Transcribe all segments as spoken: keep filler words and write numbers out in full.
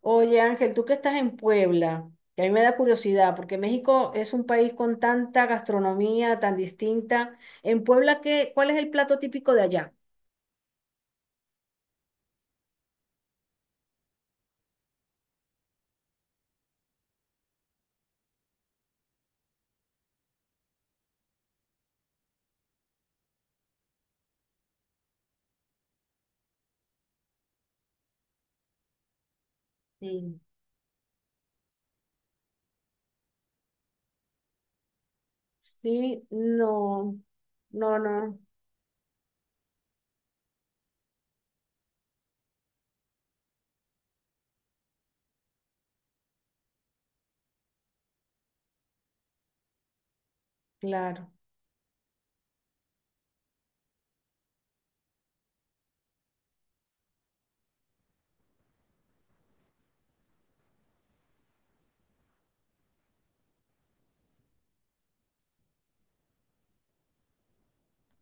Oye, Ángel, tú que estás en Puebla, que a mí me da curiosidad, porque México es un país con tanta gastronomía tan distinta. En Puebla, ¿qué, ¿cuál es el plato típico de allá? Sí. Sí, no, no, no, claro,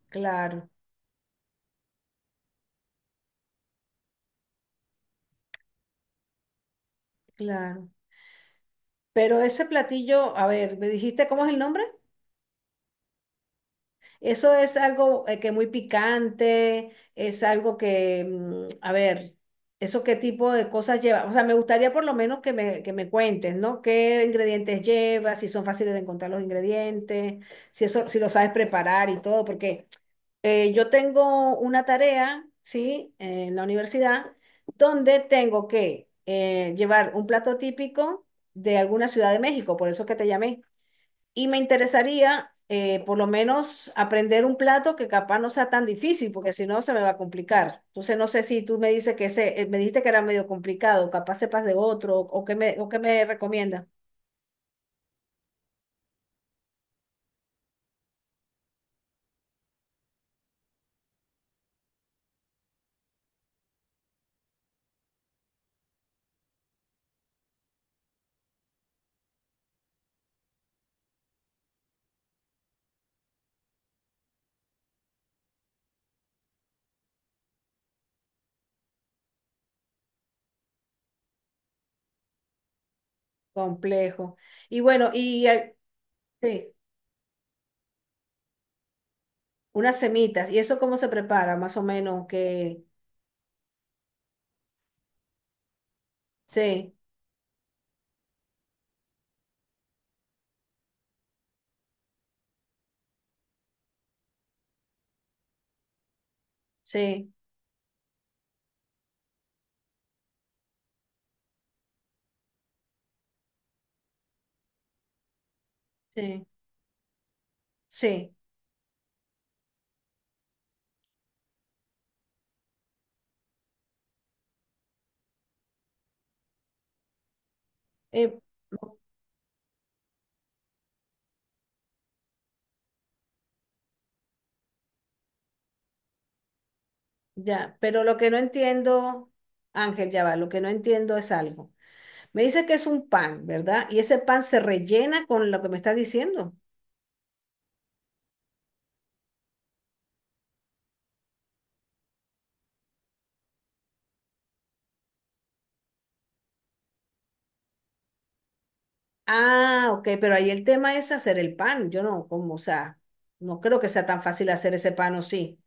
claro, claro. Pero ese platillo, a ver, ¿me dijiste cómo es el nombre? Eso es algo eh, que muy picante, es algo que, mm, a ver, ¿eso qué tipo de cosas lleva? O sea, me gustaría por lo menos que me, que me cuentes, ¿no? ¿Qué ingredientes lleva? Si son fáciles de encontrar los ingredientes, si eso, si lo sabes preparar y todo, porque eh, yo tengo una tarea, ¿sí? En la universidad, donde tengo que eh, llevar un plato típico de alguna ciudad de México, por eso que te llamé y me interesaría eh, por lo menos aprender un plato que capaz no sea tan difícil, porque si no se me va a complicar. Entonces no sé si tú me dices que ese, eh, me dijiste que era medio complicado, capaz sepas de otro, o qué me, o qué me recomienda. Complejo. Y bueno, y eh, sí, unas semitas. ¿Y eso cómo se prepara? Más o menos que sí, sí, sí, sí. Eh, ya, pero lo que no entiendo, Ángel, ya va, lo que no entiendo es algo. Me dice que es un pan, ¿verdad? Y ese pan se rellena con lo que me estás diciendo. Ah, ok, pero ahí el tema es hacer el pan. Yo no, como, o sea, no creo que sea tan fácil hacer ese pan o sí.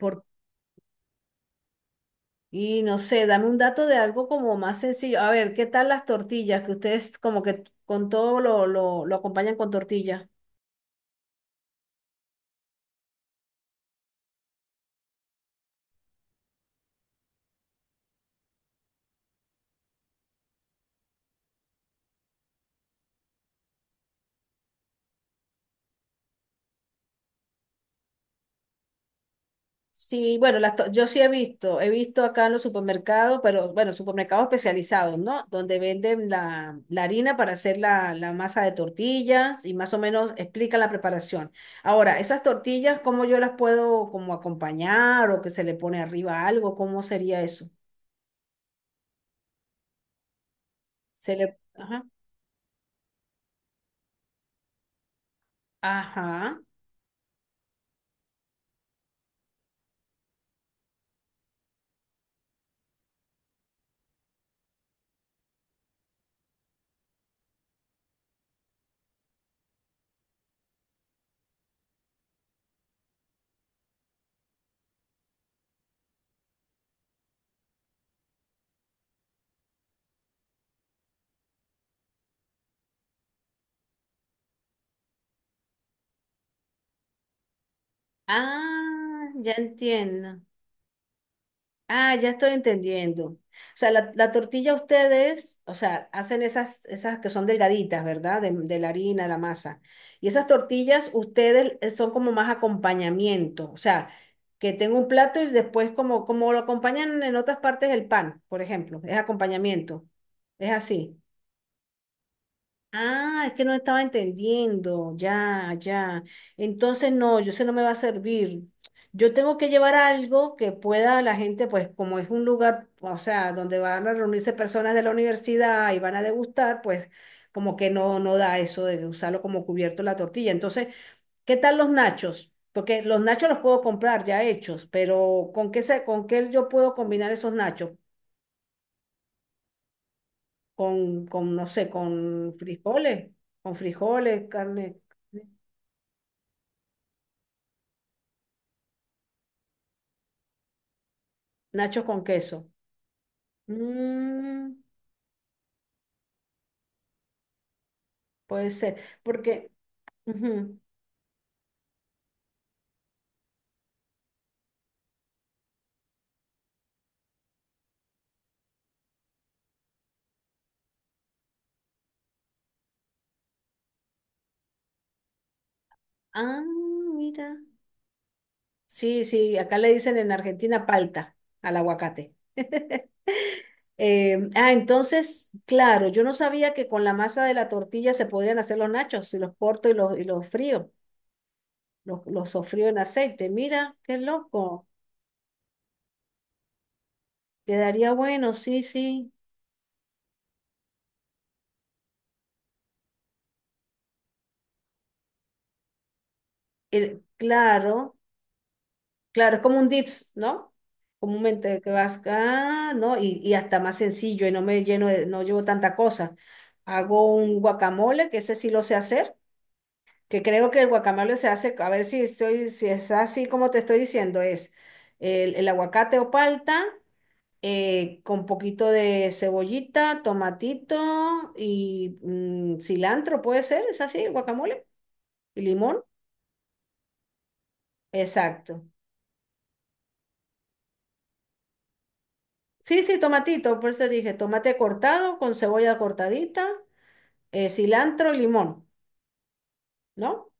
Por, y no sé, dame un dato de algo como más sencillo. A ver, ¿qué tal las tortillas? Que ustedes como que con todo lo, lo, lo acompañan con tortilla. Sí, bueno, las to- yo sí he visto, he visto acá en los supermercados, pero bueno, supermercados especializados, ¿no? Donde venden la, la harina para hacer la, la masa de tortillas y más o menos explican la preparación. Ahora, esas tortillas, ¿cómo yo las puedo como acompañar o que se le pone arriba algo? ¿Cómo sería eso? Se le... Ajá. Ajá. Ah, ya entiendo. Ah, ya estoy entendiendo. O sea, la, la tortilla ustedes, o sea, hacen esas, esas que son delgaditas, ¿verdad? De, de la harina, la masa. Y esas tortillas ustedes eh, son como más acompañamiento. O sea, que tengo un plato y después como, como lo acompañan en otras partes del pan, por ejemplo. Es acompañamiento. Es así. Ah, es que no estaba entendiendo. Ya, ya. Entonces, no, yo sé no me va a servir. Yo tengo que llevar algo que pueda la gente, pues como es un lugar, o sea, donde van a reunirse personas de la universidad y van a degustar, pues como que no, no da eso de usarlo como cubierto la tortilla. Entonces, ¿qué tal los nachos? Porque los nachos los puedo comprar ya hechos, pero ¿con qué se, ¿con qué yo puedo combinar esos nachos? Con, con, no sé, con frijoles, con frijoles, carne. Nachos con queso. Mm, puede ser, porque... ujú. Ah, mira. Sí, sí, acá le dicen en Argentina palta al aguacate. Eh, ah, entonces, claro, yo no sabía que con la masa de la tortilla se podían hacer los nachos, si los corto y los, y los frío, los, los sofrío en aceite. Mira, qué loco. Quedaría bueno, sí, sí. El- claro. Claro, es como un dips, ¿no? Comúnmente que vas acá, ¿no? Y, y hasta más sencillo y no me lleno de, no llevo tanta cosa. Hago un guacamole, que ese sí lo sé hacer, que creo que el guacamole se hace, a ver si estoy, si es así como te estoy diciendo, es el, el aguacate o palta, eh, con poquito de cebollita, tomatito y mm, cilantro, puede ser, es así, el guacamole y limón. Exacto. Sí, sí, tomatito, por eso dije, tomate cortado con cebolla cortadita, eh, cilantro, limón, ¿no?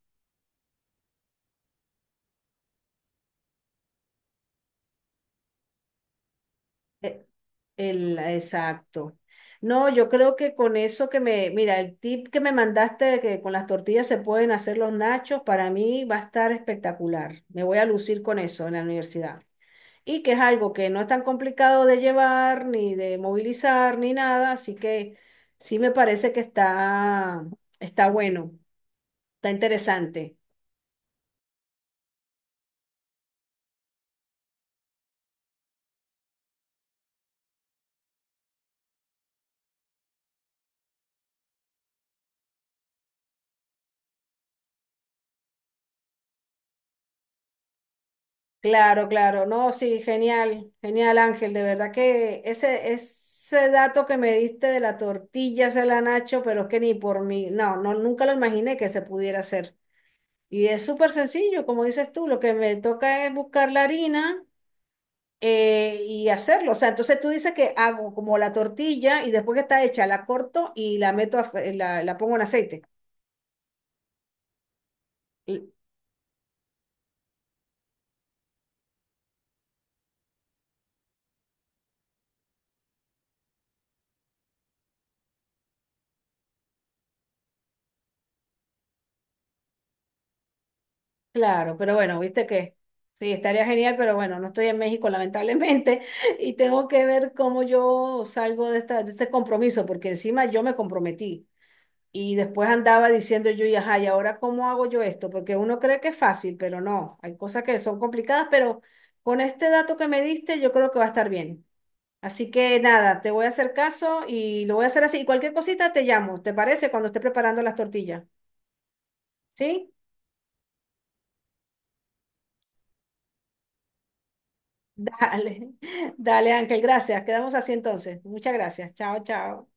Eh, el, exacto. No, yo creo que con eso que me, mira, el tip que me mandaste de que con las tortillas se pueden hacer los nachos, para mí va a estar espectacular. Me voy a lucir con eso en la universidad. Y que es algo que no es tan complicado de llevar, ni de movilizar, ni nada, así que sí me parece que está, está bueno, está interesante. Claro, claro, no, sí, genial, genial Ángel, de verdad que ese, ese dato que me diste de la tortilla se la Nacho, pero es que ni por mí, no, no, nunca lo imaginé que se pudiera hacer. Y es súper sencillo, como dices tú, lo que me toca es buscar la harina eh, y hacerlo. O sea, entonces tú dices que hago como la tortilla y después que está hecha la corto y la meto, a, fe- la, la pongo en aceite. Claro, pero bueno, viste que sí, estaría genial, pero bueno, no estoy en México lamentablemente y tengo que ver cómo yo salgo de esta, de este compromiso, porque encima yo me comprometí y después andaba diciendo yo, y ajá, ¿y ahora cómo hago yo esto? Porque uno cree que es fácil, pero no, hay cosas que son complicadas, pero con este dato que me diste yo creo que va a estar bien. Así que nada, te voy a hacer caso y lo voy a hacer así. Y cualquier cosita te llamo, ¿te parece? Cuando esté preparando las tortillas, ¿sí? Dale, dale Ángel, gracias. Quedamos así entonces. Muchas gracias. Chao, chao.